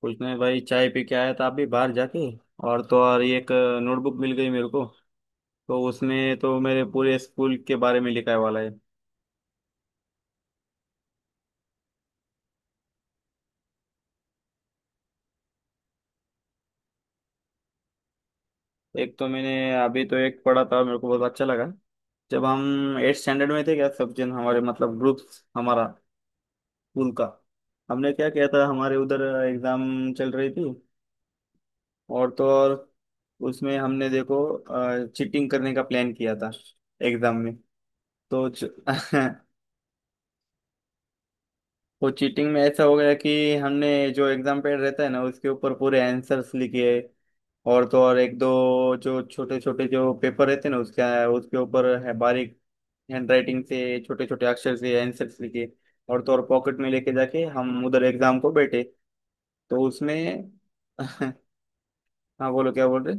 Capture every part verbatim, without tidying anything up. कुछ नहीं भाई, चाय पी के आया था अभी बाहर जाके। और तो और ये एक नोटबुक मिल गई मेरे को। तो उसमें तो मेरे पूरे स्कूल के बारे में लिखा है वाला है। एक तो मैंने अभी तो एक पढ़ा था, मेरे को बहुत अच्छा लगा। जब हम एट स्टैंडर्ड में थे, क्या सब जन हमारे मतलब ग्रुप हमारा स्कूल का, हमने क्या किया था हमारे उधर। एग्जाम चल रही थी और तो और उसमें हमने देखो चीटिंग करने का प्लान किया था एग्जाम में। तो च- वो चीटिंग में ऐसा हो गया कि हमने जो एग्जाम पैड रहता है ना उसके ऊपर पूरे आंसर्स लिखे। और तो और एक दो जो छोटे छोटे जो पेपर रहते हैं ना उसका, उसके ऊपर है बारीक हैंड राइटिंग से छोटे छोटे अक्षर से आंसर्स लिखे। और तो और पॉकेट में लेके जाके हम उधर एग्जाम को बैठे। तो उसमें हाँ। बोलो क्या बोल रहे।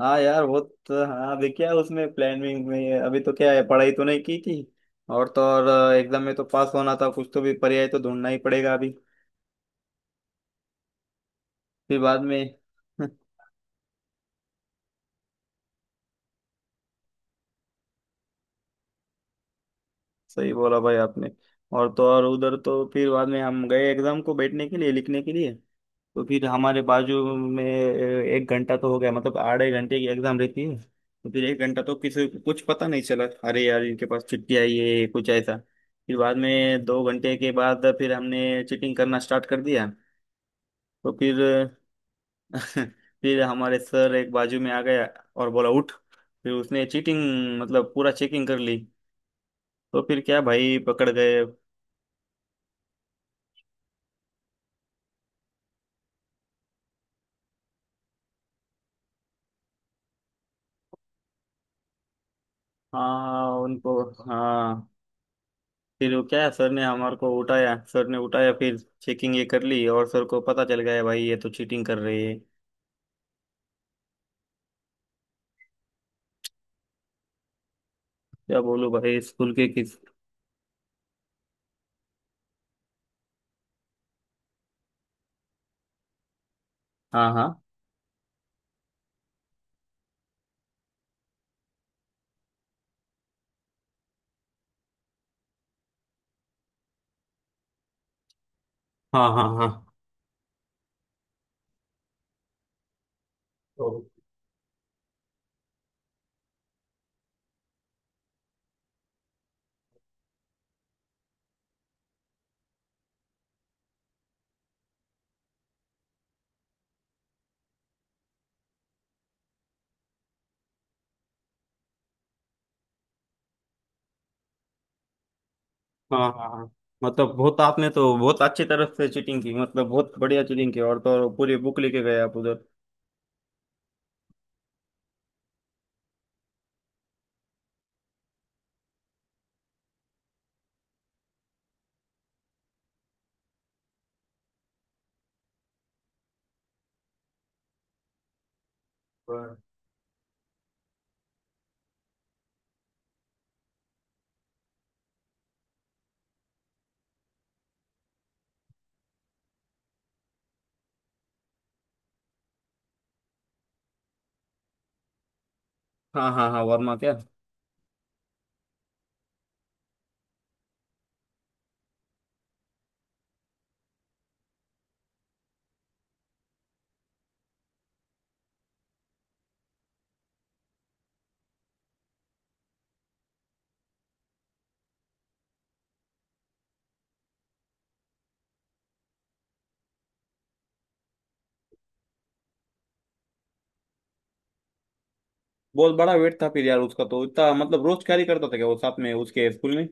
हाँ यार वो, तो हाँ अभी क्या उसमें प्लानिंग में अभी तो क्या है, पढ़ाई तो नहीं की थी। और तो और एग्जाम में तो पास होना था, कुछ तो भी पर्याय तो ढूंढना ही पड़ेगा अभी। फिर बाद में सही बोला भाई आपने। और तो और उधर तो फिर बाद में हम गए एग्जाम को बैठने के लिए, लिखने के लिए। तो फिर हमारे बाजू में एक घंटा तो हो गया, मतलब आधे घंटे की एग्जाम रहती है तो फिर एक घंटा तो किसी को कुछ पता नहीं चला। अरे यार इनके पास छुट्टी आई है कुछ ऐसा। फिर बाद में दो घंटे के बाद फिर हमने चीटिंग करना स्टार्ट कर दिया। तो फिर फिर हमारे सर एक बाजू में आ गया और बोला उठ। फिर उसने चीटिंग मतलब पूरा चेकिंग कर ली। तो फिर क्या भाई, पकड़ गए। हाँ उनको। हाँ, फिर वो क्या सर ने हमारे को उठाया, सर ने उठाया, फिर चेकिंग ये कर ली और सर को पता चल गया भाई ये तो चीटिंग कर रही है। क्या बोलूं भाई स्कूल के किस। हाँ हाँ हाँ। हाँ हाँ। तो हाँ हाँ हाँ, मतलब बहुत आपने तो बहुत अच्छी तरफ से चीटिंग की, मतलब बहुत बढ़िया चीटिंग की और तो और पूरी बुक लेके गए आप उधर। हाँ हाँ हाँ। हाँ, वर्मा क्या। बहुत बड़ा वेट था फिर यार उसका तो, इतना मतलब रोज कैरी करता था क्या वो साथ में उसके स्कूल में।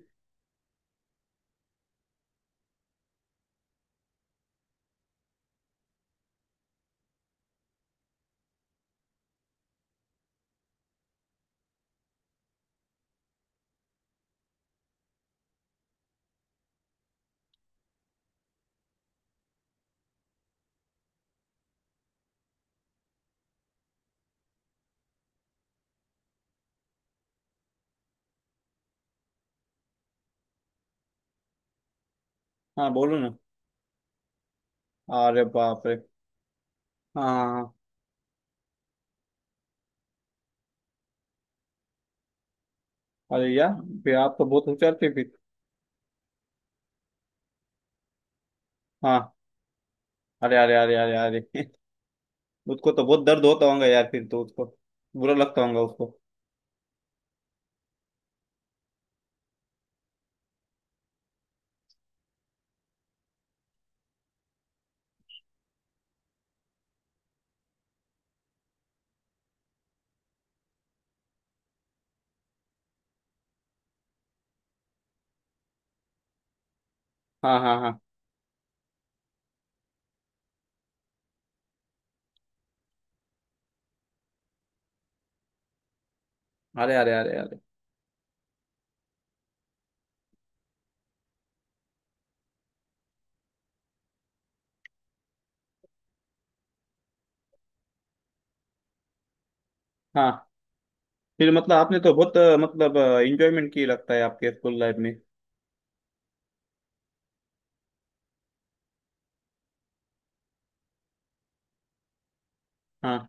हाँ बोलो ना। अरे बाप रे। हाँ। अरे यार फिर आप तो बहुत होशियार थे फिर। हाँ। अरे अरे अरे अरे अरे। उसको तो बहुत दर्द होता होगा यार फिर तो उसको, बुरा लगता होगा उसको। हाँ हाँ हाँ। अरे अरे अरे अरे। हाँ फिर मतलब आपने तो बहुत अ, मतलब इंजॉयमेंट की लगता है आपके स्कूल लाइफ में। हाँ।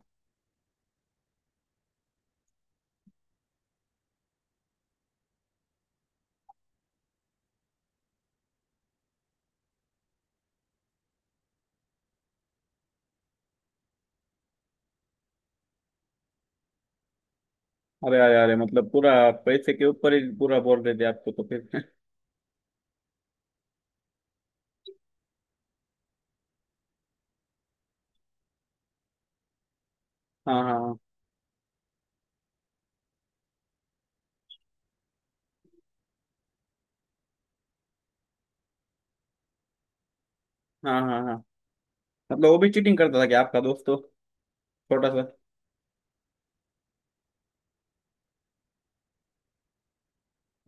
अरे अरे अरे, मतलब पूरा पैसे के ऊपर ही पूरा बोल रहे थे आपको तो फिर हाँ हाँ हाँ। हाँ हाँ, मतलब वो भी चीटिंग करता था कि आपका दोस्त तो, छोटा सा।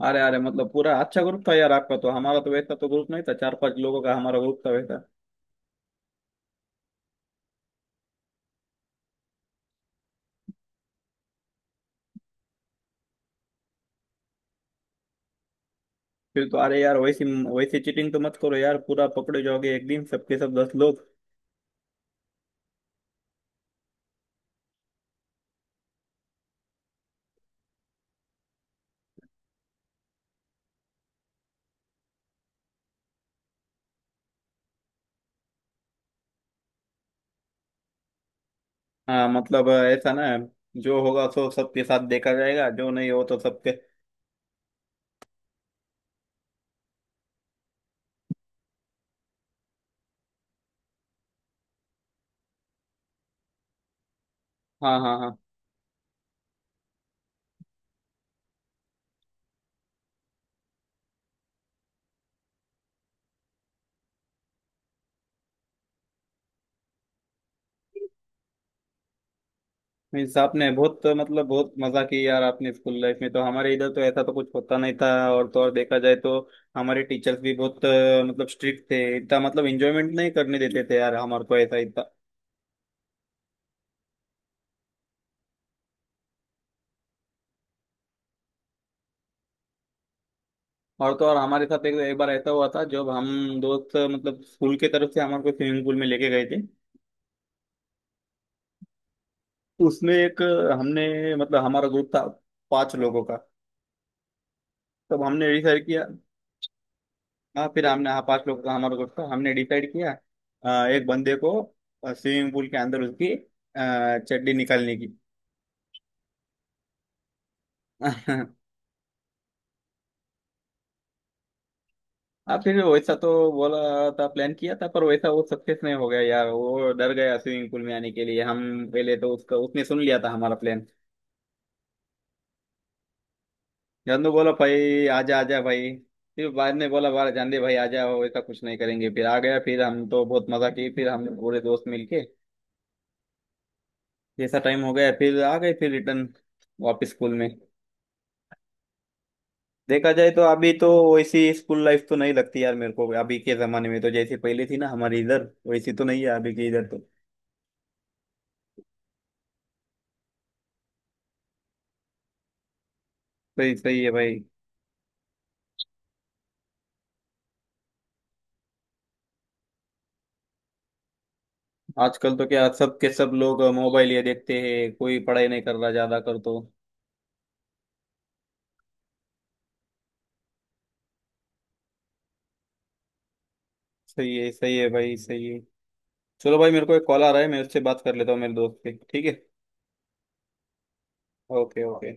अरे अरे, मतलब पूरा अच्छा ग्रुप था यार आपका तो, हमारा तो वैसा तो ग्रुप नहीं था, चार पांच लोगों का हमारा ग्रुप था वैसा। फिर तो अरे यार वैसी, वैसी चीटिंग तो मत करो यार, पूरा पकड़े जाओगे एक दिन सबके सब दस लोग। हाँ मतलब ऐसा ना, जो होगा सो सबके साथ देखा जाएगा, जो नहीं हो तो सबके। हाँ हाँ हाँ। मीन्स आपने बहुत मतलब बहुत मजा की यार आपने स्कूल लाइफ में, तो हमारे इधर तो ऐसा तो कुछ होता नहीं था। और तो और देखा जाए तो हमारे टीचर्स भी बहुत अ, मतलब स्ट्रिक्ट थे, इतना मतलब एंजॉयमेंट नहीं करने देते थे यार हमारे को ऐसा इतना। और तो और हमारे साथ एक, एक बार ऐसा हुआ था जब हम दोस्त मतलब स्कूल के तरफ से हमारे को स्विमिंग पूल में लेके गए थे। उसमें एक, हमने मतलब हमारा ग्रुप था पांच लोगों का, तब हमने डिसाइड किया। हाँ फिर हमने, हाँ पांच लोगों का हमारा ग्रुप था, हमने डिसाइड किया अ, एक बंदे को स्विमिंग पूल के अंदर उसकी अ, चड्डी निकालने की। हाँ फिर वैसा तो बोला था, प्लान किया था, पर वैसा वो सक्सेस नहीं हो गया यार, वो डर गया स्विमिंग पूल में आने के लिए हम। पहले तो उसका उसने सुन लिया था हमारा प्लान। जानू बोला भाई आजा आजा भाई। फिर बाद में बोला बाहर जान दे भाई आजा हो, ऐसा कुछ नहीं करेंगे, फिर आ गया। फिर हम तो बहुत मजा की, फिर हम पूरे दोस्त मिलके, जैसा टाइम हो गया फिर आ गए, फिर रिटर्न वापस स्कूल में। देखा जाए तो अभी तो वैसी स्कूल लाइफ तो नहीं लगती यार मेरे को अभी के जमाने में, तो जैसी पहले थी ना हमारी इधर वैसी तो नहीं है अभी के इधर तो। सही, सही है भाई। आजकल तो क्या सब के सब लोग मोबाइल ये देखते हैं, कोई पढ़ाई नहीं कर रहा ज्यादा कर तो। सही है सही है भाई, सही है। चलो भाई, मेरे को एक कॉल आ रहा है, मैं उससे बात कर लेता हूँ मेरे दोस्त से, ठीक है। Okay okay.